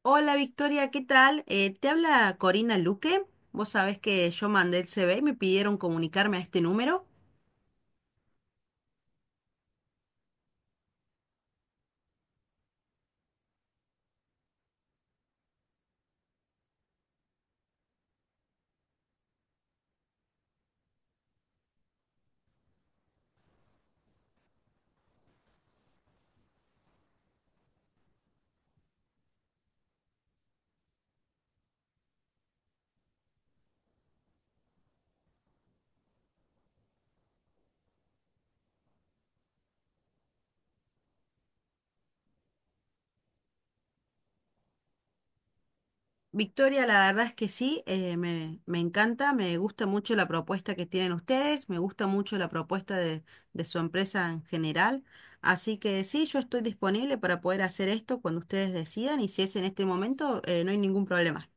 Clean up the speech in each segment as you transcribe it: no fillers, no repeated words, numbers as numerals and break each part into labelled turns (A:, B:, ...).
A: Hola Victoria, ¿qué tal? Te habla Corina Luque. Vos sabés que yo mandé el CV y me pidieron comunicarme a este número. Victoria, la verdad es que sí, me encanta, me gusta mucho la propuesta que tienen ustedes, me gusta mucho la propuesta de su empresa en general. Así que sí, yo estoy disponible para poder hacer esto cuando ustedes decidan y si es en este momento, no hay ningún problema.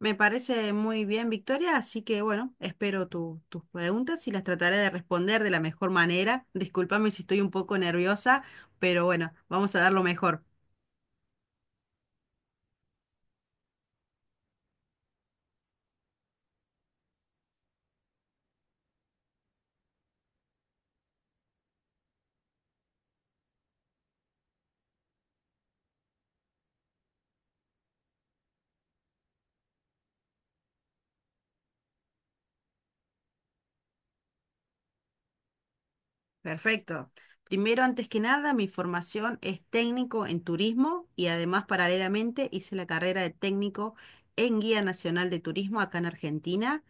A: Me parece muy bien, Victoria, así que bueno, espero tus preguntas y las trataré de responder de la mejor manera. Discúlpame si estoy un poco nerviosa, pero bueno, vamos a dar lo mejor. Perfecto. Primero, antes que nada, mi formación es técnico en turismo y además paralelamente hice la carrera de técnico en Guía Nacional de Turismo acá en Argentina.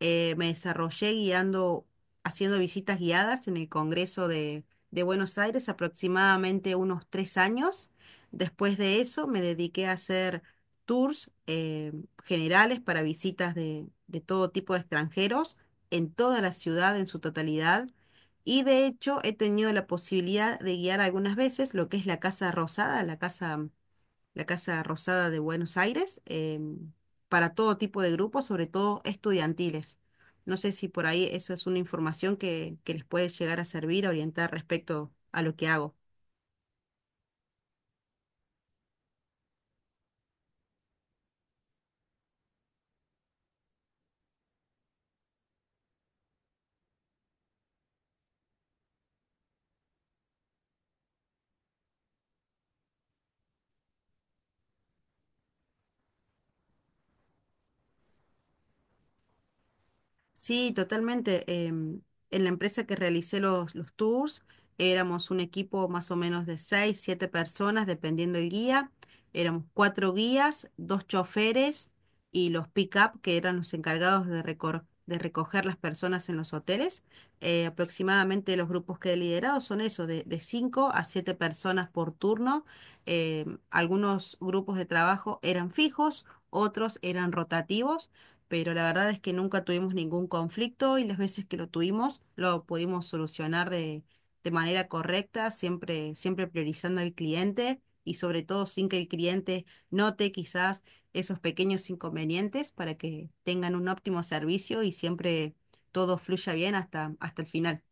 A: Me desarrollé guiando, haciendo visitas guiadas en el Congreso de Buenos Aires aproximadamente unos tres años. Después de eso me dediqué a hacer tours generales para visitas de todo tipo de extranjeros en toda la ciudad en su totalidad y de hecho he tenido la posibilidad de guiar algunas veces lo que es la Casa Rosada, la Casa Rosada de Buenos Aires, em, para todo tipo de grupos, sobre todo estudiantiles. No sé si por ahí eso es una información que les puede llegar a servir, a orientar respecto a lo que hago. Sí, totalmente. En la empresa que realicé los tours, éramos un equipo más o menos de seis, siete personas, dependiendo el guía. Éramos cuatro guías, dos choferes y los pick-up, que eran los encargados de, de recoger las personas en los hoteles. Aproximadamente los grupos que he liderado son eso, de cinco a siete personas por turno. Algunos grupos de trabajo eran fijos, otros eran rotativos, pero la verdad es que nunca tuvimos ningún conflicto y las veces que lo tuvimos lo pudimos solucionar de manera correcta, siempre, siempre priorizando al cliente y sobre todo sin que el cliente note quizás esos pequeños inconvenientes para que tengan un óptimo servicio y siempre todo fluya bien hasta el final.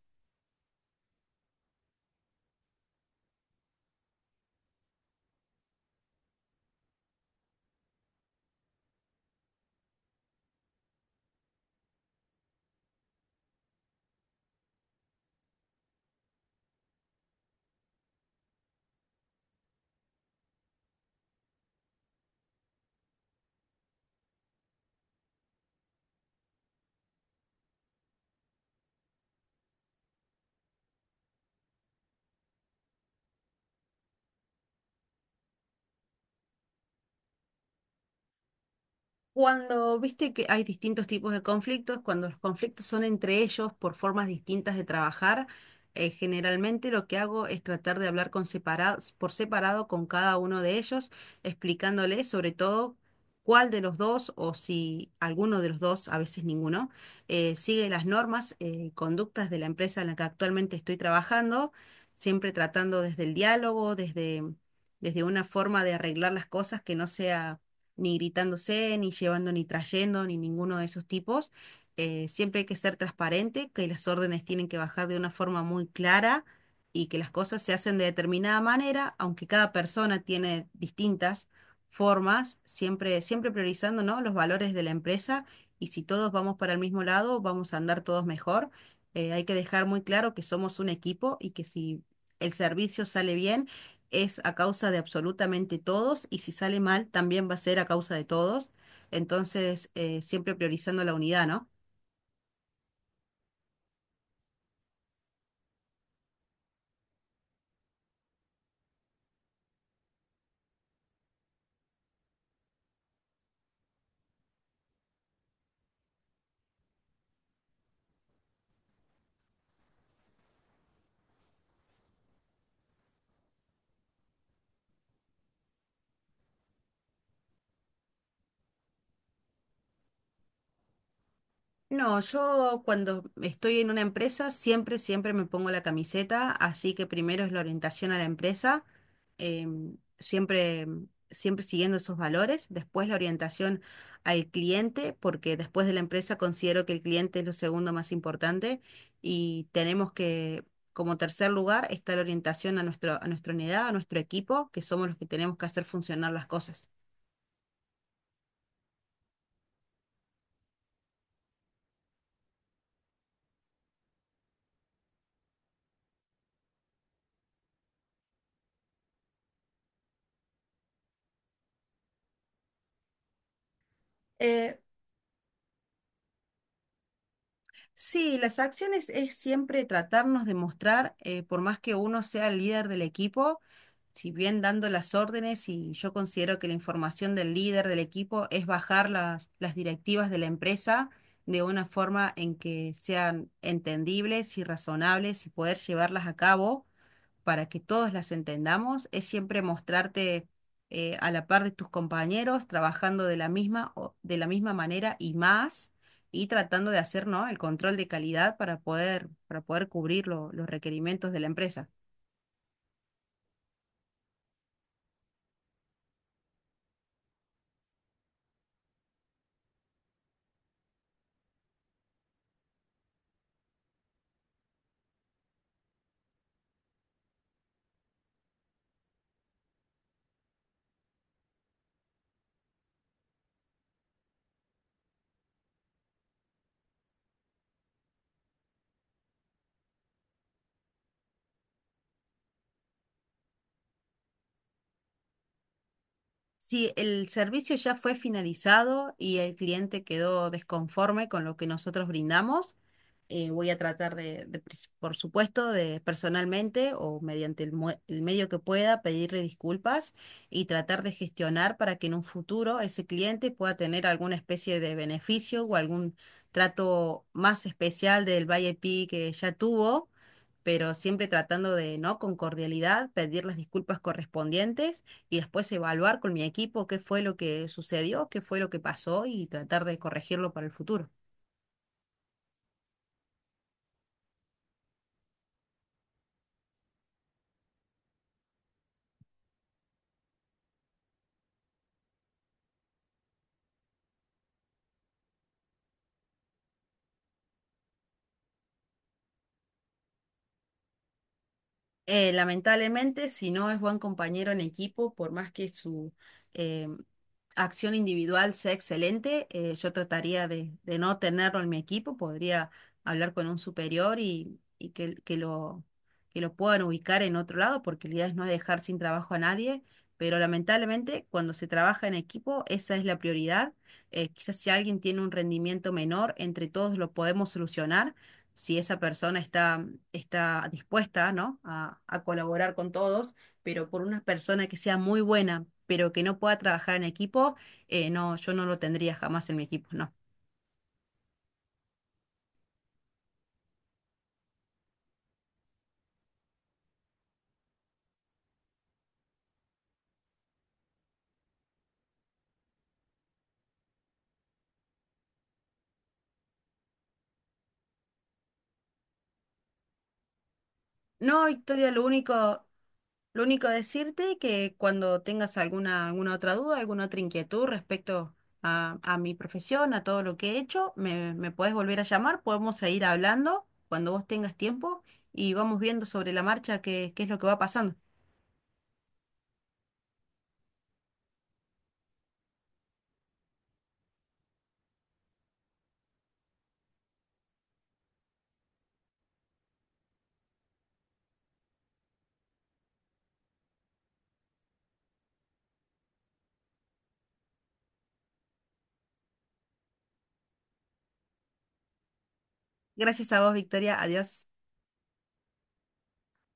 A: Cuando viste que hay distintos tipos de conflictos, cuando los conflictos son entre ellos por formas distintas de trabajar, generalmente lo que hago es tratar de hablar con separados, por separado con cada uno de ellos, explicándoles sobre todo cuál de los dos o si alguno de los dos, a veces ninguno, sigue las normas y conductas de la empresa en la que actualmente estoy trabajando, siempre tratando desde el diálogo, desde una forma de arreglar las cosas que no sea ni gritándose, ni llevando, ni trayendo, ni ninguno de esos tipos. Siempre hay que ser transparente, que las órdenes tienen que bajar de una forma muy clara y que las cosas se hacen de determinada manera, aunque cada persona tiene distintas formas, siempre, siempre priorizando, ¿no?, los valores de la empresa, y si todos vamos para el mismo lado, vamos a andar todos mejor. Hay que dejar muy claro que somos un equipo y que si el servicio sale bien, es a causa de absolutamente todos y si sale mal también va a ser a causa de todos. Entonces, siempre priorizando la unidad, ¿no? No, yo cuando estoy en una empresa siempre, siempre me pongo la camiseta, así que primero es la orientación a la empresa, siempre, siempre siguiendo esos valores, después la orientación al cliente, porque después de la empresa considero que el cliente es lo segundo más importante y tenemos que, como tercer lugar, está la orientación a nuestro, a nuestra unidad, a nuestro equipo, que somos los que tenemos que hacer funcionar las cosas. Eh, Sí, las acciones es siempre tratarnos de mostrar, por más que uno sea el líder del equipo, si bien dando las órdenes, y yo considero que la información del líder del equipo es bajar las directivas de la empresa de una forma en que sean entendibles y razonables y poder llevarlas a cabo para que todas las entendamos, es siempre mostrarte a la par de tus compañeros, trabajando de la misma, de la misma manera y más, y tratando de hacer, ¿no?, el control de calidad para poder cubrir los requerimientos de la empresa. Sí, el servicio ya fue finalizado y el cliente quedó desconforme con lo que nosotros brindamos. Voy a tratar de por supuesto, de personalmente o mediante el, el medio que pueda pedirle disculpas y tratar de gestionar para que en un futuro ese cliente pueda tener alguna especie de beneficio o algún trato más especial del V I P que ya tuvo, pero siempre tratando de, ¿no? Con cordialidad, pedir las disculpas correspondientes y después evaluar con mi equipo qué fue lo que sucedió, qué fue lo que pasó y tratar de corregirlo para el futuro. Lamentablemente, si no es buen compañero en equipo, por más que su eh, acción individual sea excelente, yo trataría de no tenerlo en mi equipo. Podría hablar con un superior y que que lo puedan ubicar en otro lado, porque la idea es no dejar sin trabajo a nadie. Pero lamentablemente, cuando se trabaja en equipo, esa es la prioridad. Quizás si alguien tiene un rendimiento menor, entre todos lo podemos solucionar si esa persona está dispuesta, ¿no?, a colaborar con todos, pero por una persona que sea muy buena, pero que no pueda trabajar en equipo, no, yo no lo tendría jamás en mi equipo, no. No, Victoria, lo único decirte que cuando tengas alguna, alguna otra duda, alguna otra inquietud respecto a mi profesión, a todo lo que he hecho, me podés volver a llamar, podemos seguir hablando cuando vos tengas tiempo y vamos viendo sobre la marcha qué, qué es lo que va pasando. Gracias a vos, Victoria. Adiós.